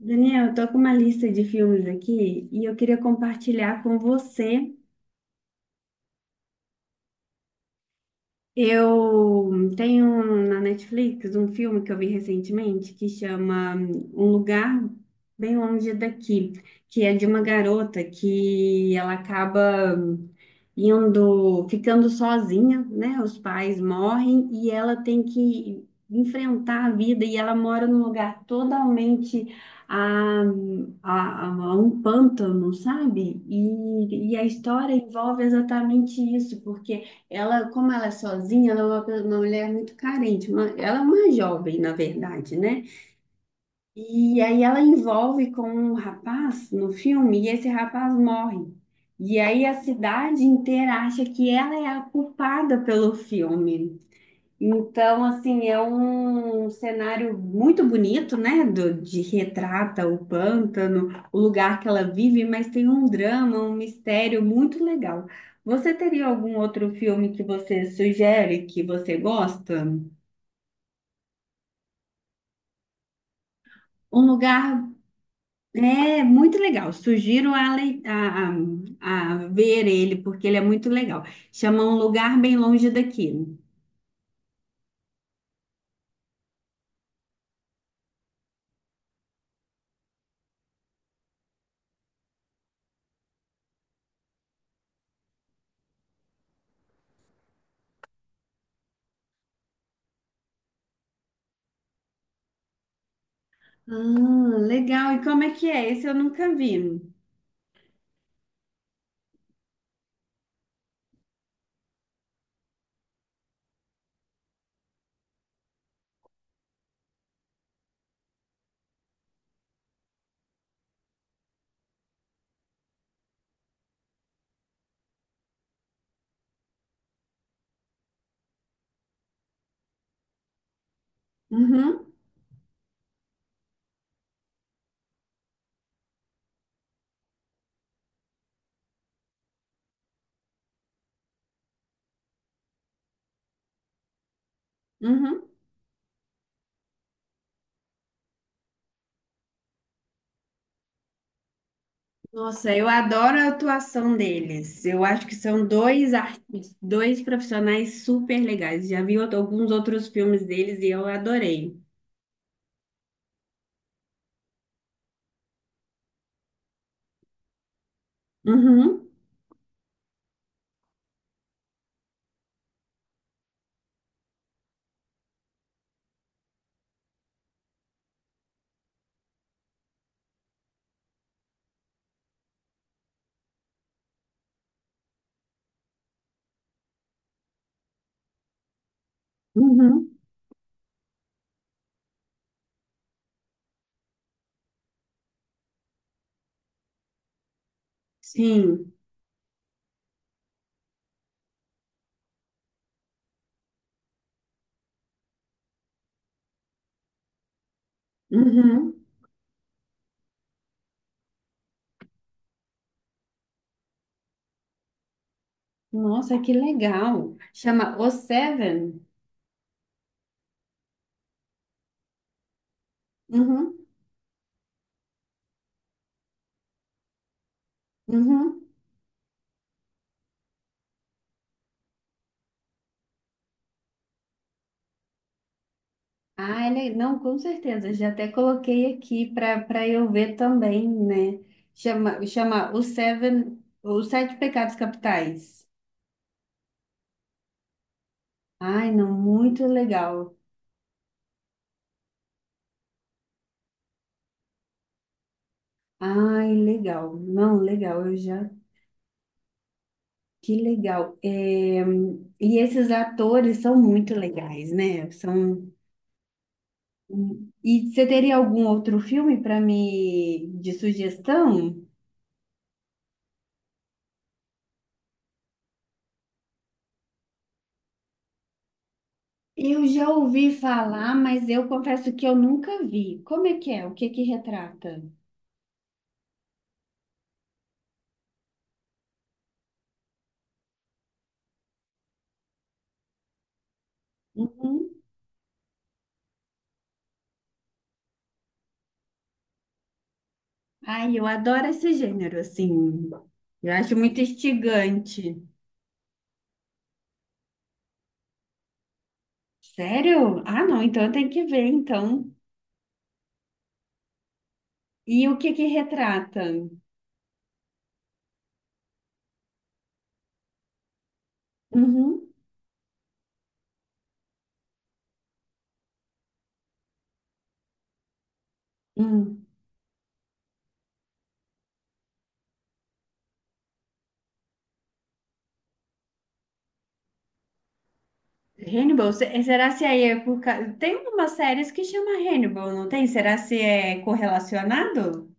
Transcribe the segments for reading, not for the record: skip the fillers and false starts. Daniel, eu tô com uma lista de filmes aqui e eu queria compartilhar com você. Eu tenho na Netflix um filme que eu vi recentemente que chama Um Lugar Bem Longe Daqui, que é de uma garota que ela acaba indo, ficando sozinha, né? Os pais morrem e ela tem que enfrentar a vida e ela mora num lugar totalmente a, a um pântano, sabe? E a história envolve exatamente isso, porque ela, como ela é sozinha, ela é uma mulher muito carente. Ela é uma jovem, na verdade, né? E aí ela envolve com um rapaz no filme e esse rapaz morre. E aí a cidade inteira acha que ela é a culpada pelo filme. Então, assim, é um cenário muito bonito, né? De retrata o pântano, o lugar que ela vive, mas tem um drama, um mistério muito legal. Você teria algum outro filme que você sugere que você gosta? Um lugar é muito legal. Sugiro a, lei- a ver ele, porque ele é muito legal. Chama Um Lugar Bem Longe Daqui. Ah, legal. E como é que é? Esse eu nunca vi. Uhum, uhum. Nossa, eu adoro a atuação deles. Eu acho que são dois artistas, dois profissionais super legais. Já vi alguns outros filmes deles e eu adorei. Uhum, uhum, sim, uhum. Nossa, que legal. Chama O Seven. Uhum, uhum. Ah, ele, não, com certeza. Já até coloquei aqui para eu ver também, né? Chama O Seven, Os Sete Pecados Capitais. Ai, não, muito legal. Ai, legal. Não, legal, eu já. Que legal. É. E esses atores são muito legais, né? São. E você teria algum outro filme para me de sugestão? Eu já ouvi falar, mas eu confesso que eu nunca vi. Como é que é? O que que retrata? Uhum. Ai, eu adoro esse gênero, assim. Eu acho muito instigante. Sério? Ah, não, então eu tenho que ver, então. E o que que retrata? Uhum. Hum, Hannibal, será se aí é por causa... Tem umas séries que chama Hannibal, não tem? Será se é correlacionado?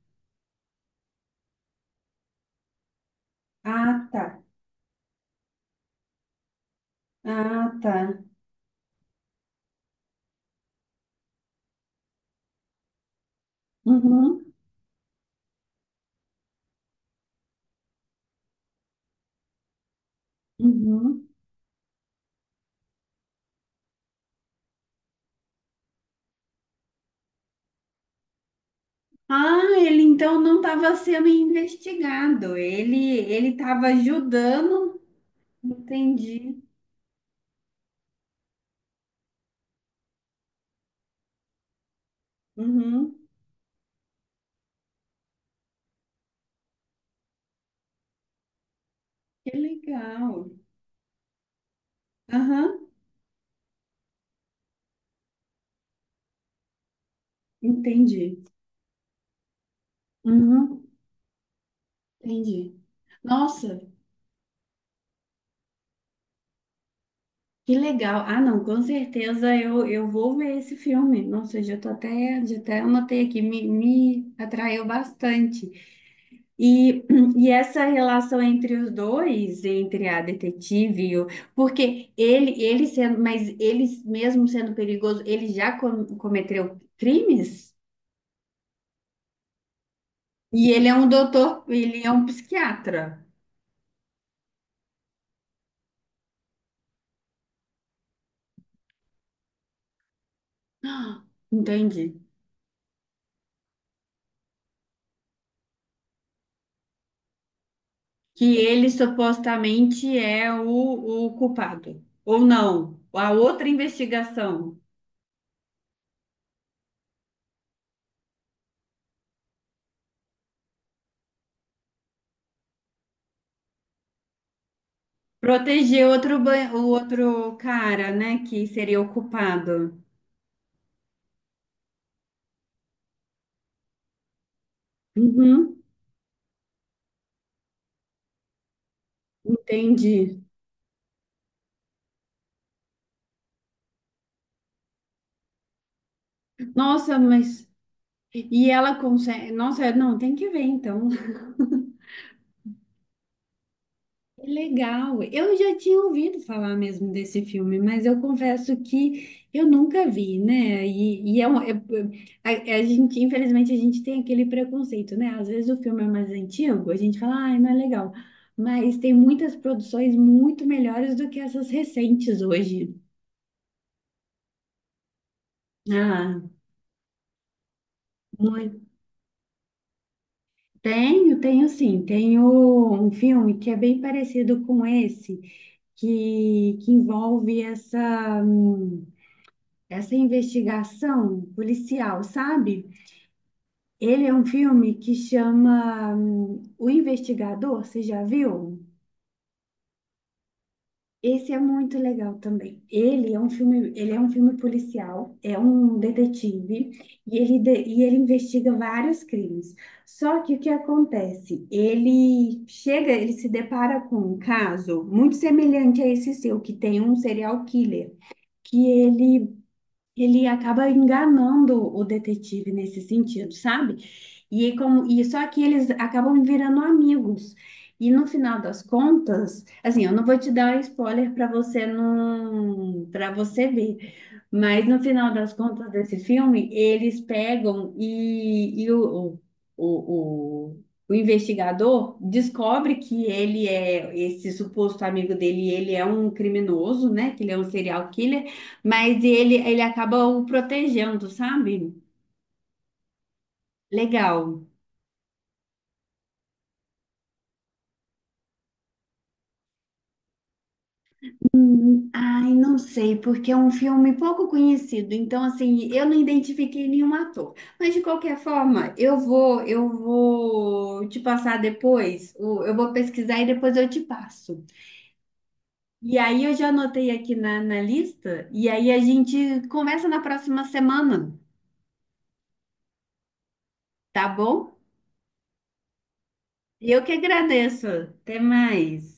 Ah, tá. Ah, tá. Uhum, uhum. Ah, ele então não estava sendo investigado. Ele estava ajudando. Entendi. Uhum. Que legal. Aham, entendi. Uhum, entendi. Nossa, que legal. Ah, não, com certeza eu vou ver esse filme. Nossa, eu já tô até, já até anotei aqui, me atraiu bastante. E, e essa relação entre os dois, entre a detetive e o... Porque ele sendo, mas ele mesmo sendo perigoso, ele já cometeu crimes? E ele é um doutor, ele é um psiquiatra. Entendi. Que ele supostamente é o culpado, ou não, a outra investigação. Proteger o outro cara, né, que seria o culpado. Uhum, entendi. Nossa, mas. E ela consegue. Nossa, não, tem que ver então. Que legal. Eu já tinha ouvido falar mesmo desse filme, mas eu confesso que eu nunca vi, né? A gente, infelizmente, a gente tem aquele preconceito, né? Às vezes o filme é mais antigo, a gente fala, ai, não é legal. Mas tem muitas produções muito melhores do que essas recentes hoje. Ah, muito. Tenho, tenho sim. Tenho um filme que é bem parecido com esse, que envolve essa. Essa investigação policial, sabe? Ele é um filme que chama O Investigador, você já viu? Esse é muito legal também. Ele é um filme, ele é um filme policial, é um detetive e ele, e ele investiga vários crimes. Só que o que acontece? Ele chega, ele se depara com um caso muito semelhante a esse seu, que tem um serial killer, que ele acaba enganando o detetive nesse sentido, sabe? E só que eles acabam virando amigos. E no final das contas, assim, eu não vou te dar spoiler para você não, para você ver, mas no final das contas desse filme, eles pegam e, e o, o, o, o o investigador descobre que ele é esse suposto amigo dele, ele é um criminoso, né? Que ele é um serial killer. Mas ele acaba o protegendo, sabe? Legal. Ai, não sei, porque é um filme pouco conhecido, então assim, eu não identifiquei nenhum ator. Mas de qualquer forma, eu vou te passar depois, eu vou pesquisar e depois eu te passo. E aí eu já anotei aqui na lista, e aí a gente conversa na próxima semana, tá bom? E eu que agradeço. Até mais.